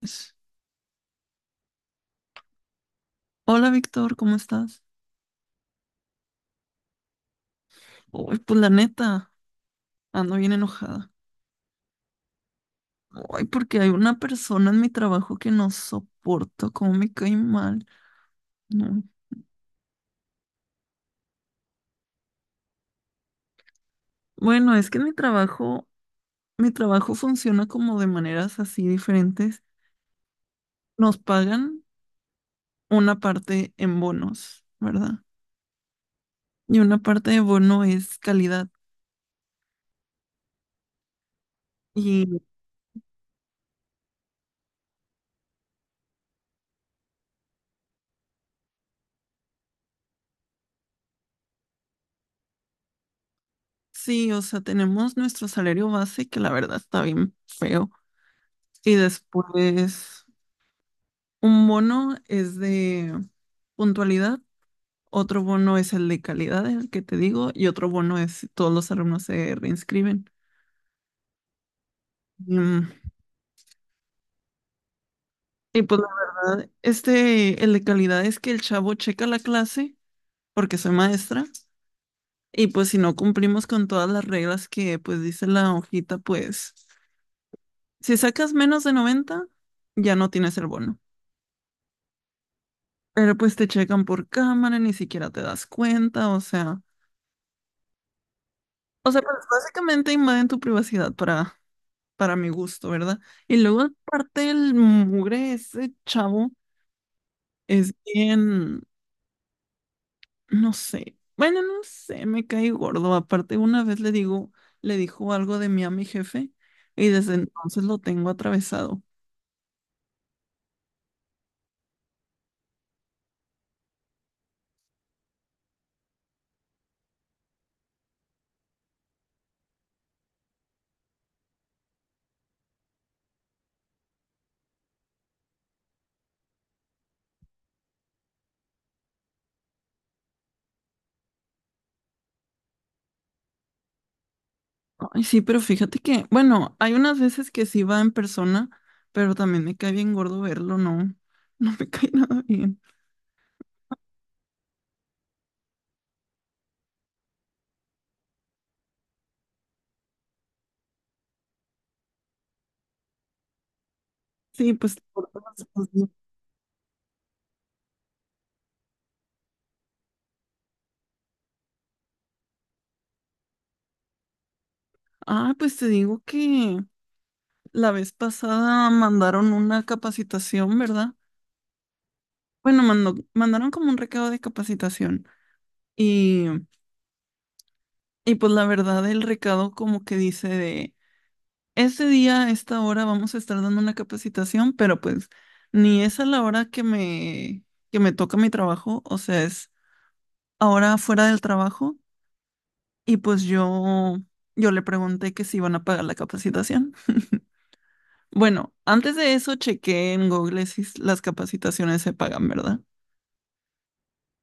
Pues, hola Víctor, ¿cómo estás? Uy, pues la neta, ando bien enojada. Ay, porque hay una persona en mi trabajo que no soporto, cómo me cae mal. No. Bueno, es que en mi trabajo funciona como de maneras así diferentes. Nos pagan una parte en bonos, ¿verdad? Y una parte de bono es calidad. Y sí, o sea, tenemos nuestro salario base, que la verdad está bien feo. Y después un bono es de puntualidad, otro bono es el de calidad, el que te digo, y otro bono es si todos los alumnos se reinscriben. Mm, Y pues la verdad, el de calidad es que el chavo checa la clase, porque soy maestra, y pues si no cumplimos con todas las reglas que pues dice la hojita, pues si sacas menos de 90 ya no tienes el bono. Pero pues te checan por cámara, ni siquiera te das cuenta, o sea... O sea, pues básicamente invaden tu privacidad para mi gusto, ¿verdad? Y luego aparte el mugre, ese chavo es bien, no sé, bueno, no sé, me cae gordo. Aparte una vez le digo, le dijo algo de mí a mi jefe y desde entonces lo tengo atravesado. Ay, sí, pero fíjate que, bueno, hay unas veces que sí va en persona, pero también me cae bien gordo verlo, ¿no? No me cae nada bien. Sí, pues... por todas las cosas, ¿no? Ah, pues te digo que la vez pasada mandaron una capacitación, ¿verdad? Bueno, mandaron como un recado de capacitación y, y pues la verdad el recado como que dice de, este día, a esta hora vamos a estar dando una capacitación, pero pues ni es a la hora que me toca mi trabajo, o sea, es ahora fuera del trabajo y pues yo le pregunté que si iban a pagar la capacitación. Bueno, antes de eso chequé en Google si las capacitaciones se pagan, ¿verdad?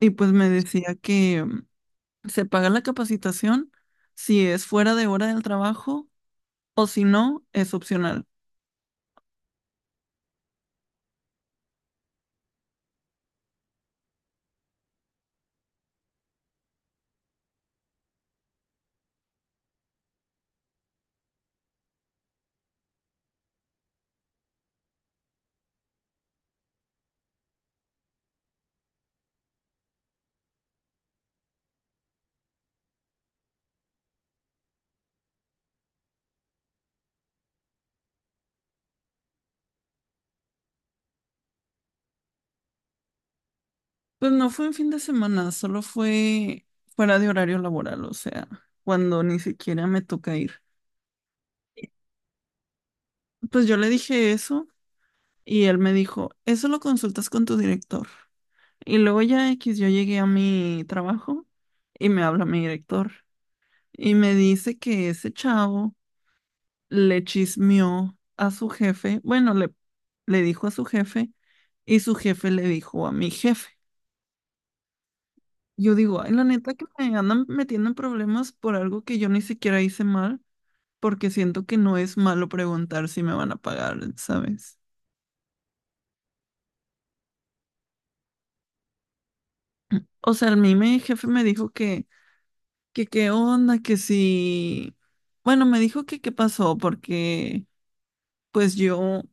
Y pues me decía que... Se paga la capacitación si es fuera de hora del trabajo o si no, es opcional. Pues no fue en fin de semana, solo fue fuera de horario laboral, o sea, cuando ni siquiera me toca ir. Pues yo le dije eso y él me dijo, eso lo consultas con tu director. Y luego ya X, yo llegué a mi trabajo y me habla mi director y me dice que ese chavo le chismeó a su jefe, bueno, le dijo a su jefe y su jefe le dijo a mi jefe. Yo digo, ay, la neta que me andan metiendo en problemas por algo que yo ni siquiera hice mal, porque siento que no es malo preguntar si me van a pagar, ¿sabes? O sea, a mí mi jefe me dijo que qué onda, que si... Bueno, me dijo que qué pasó, porque pues yo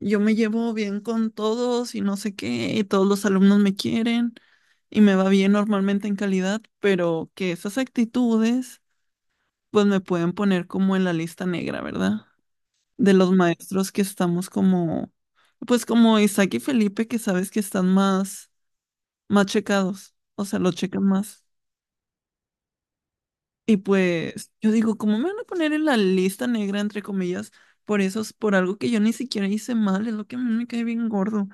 yo me llevo bien con todos y no sé qué, y todos los alumnos me quieren y me va bien normalmente en calidad, pero que esas actitudes pues me pueden poner como en la lista negra, ¿verdad? De los maestros que estamos como, pues como Isaac y Felipe, que sabes que están más, más checados, o sea, lo checan más. Y pues yo digo, ¿cómo me van a poner en la lista negra, entre comillas, por eso, por algo que yo ni siquiera hice mal? Es lo que a mí me cae bien gordo.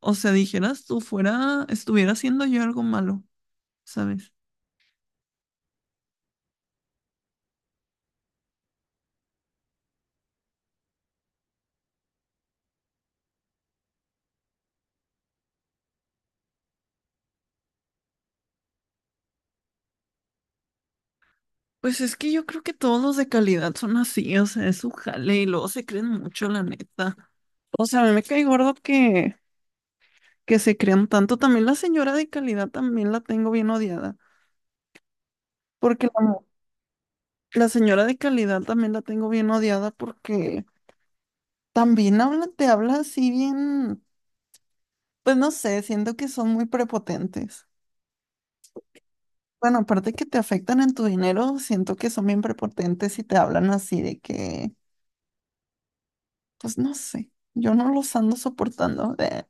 O sea, dijeras tú fuera, estuviera haciendo yo algo malo, ¿sabes? Pues es que yo creo que todos los de calidad son así, o sea, es su jale y luego se creen mucho, la neta. O sea, a mí me cae gordo que se crean tanto. También la señora de calidad también la tengo bien odiada, porque la señora de calidad también la tengo bien odiada porque también habla, te habla así bien, pues no sé, siento que son muy prepotentes. Bueno, aparte que te afectan en tu dinero, siento que son bien prepotentes y te hablan así de que, pues no sé, yo no los ando soportando.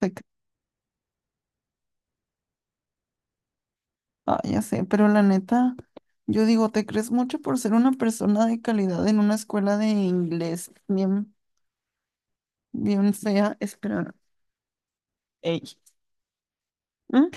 de que- ah, ya sé, pero la neta, yo digo, te crees mucho por ser una persona de calidad en una escuela de inglés bien, bien fea. Espera, ey. ¿Mm?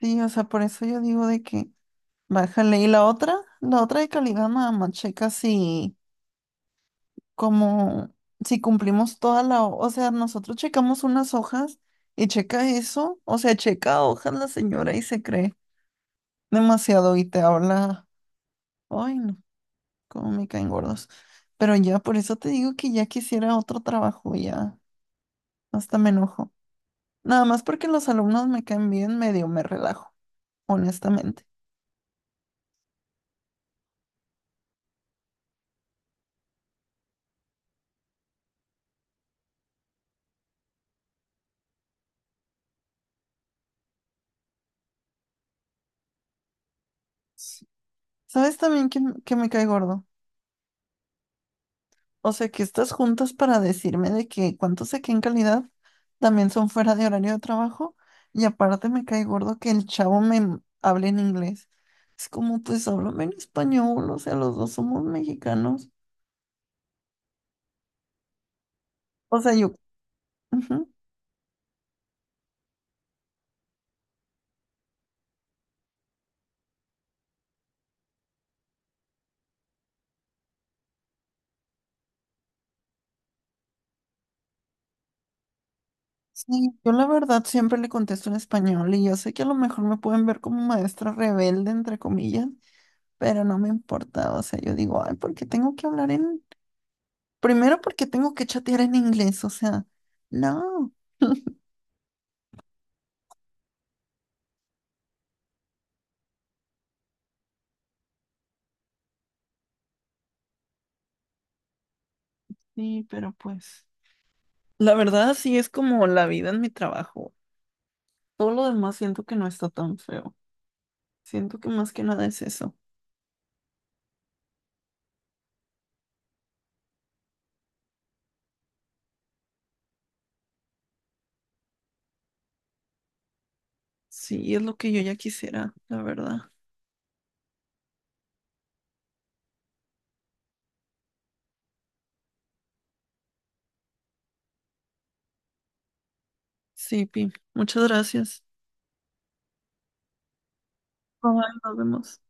Sí, o sea, por eso yo digo de que bájale. Y la otra de calidad, nada más checa si, como si cumplimos toda o sea, nosotros checamos unas hojas y checa eso, o sea, checa hojas la señora y se cree demasiado y te habla, ay no, cómo me caen gordos. Pero ya, por eso te digo que ya quisiera otro trabajo, ya, hasta me enojo. Nada más porque los alumnos me caen bien, medio me relajo, honestamente. ¿Sabes también que me cae gordo? O sea, que estás juntas para decirme de que cuánto saqué en calidad también son fuera de horario de trabajo y aparte me cae gordo que el chavo me hable en inglés. Es como, pues háblame en español, o sea, los dos somos mexicanos. O sea, yo, ujú. Sí, yo la verdad siempre le contesto en español y yo sé que a lo mejor me pueden ver como maestra rebelde, entre comillas, pero no me importa. O sea, yo digo, ay, ¿por qué tengo que hablar en... Primero, porque tengo que chatear en inglés? O sea, no. Sí, pero pues, la verdad sí es como la vida en mi trabajo. Todo lo demás siento que no está tan feo. Siento que más que nada es eso. Sí, es lo que yo ya quisiera, la verdad. Sí, Pi, muchas gracias. Bye, nos vemos.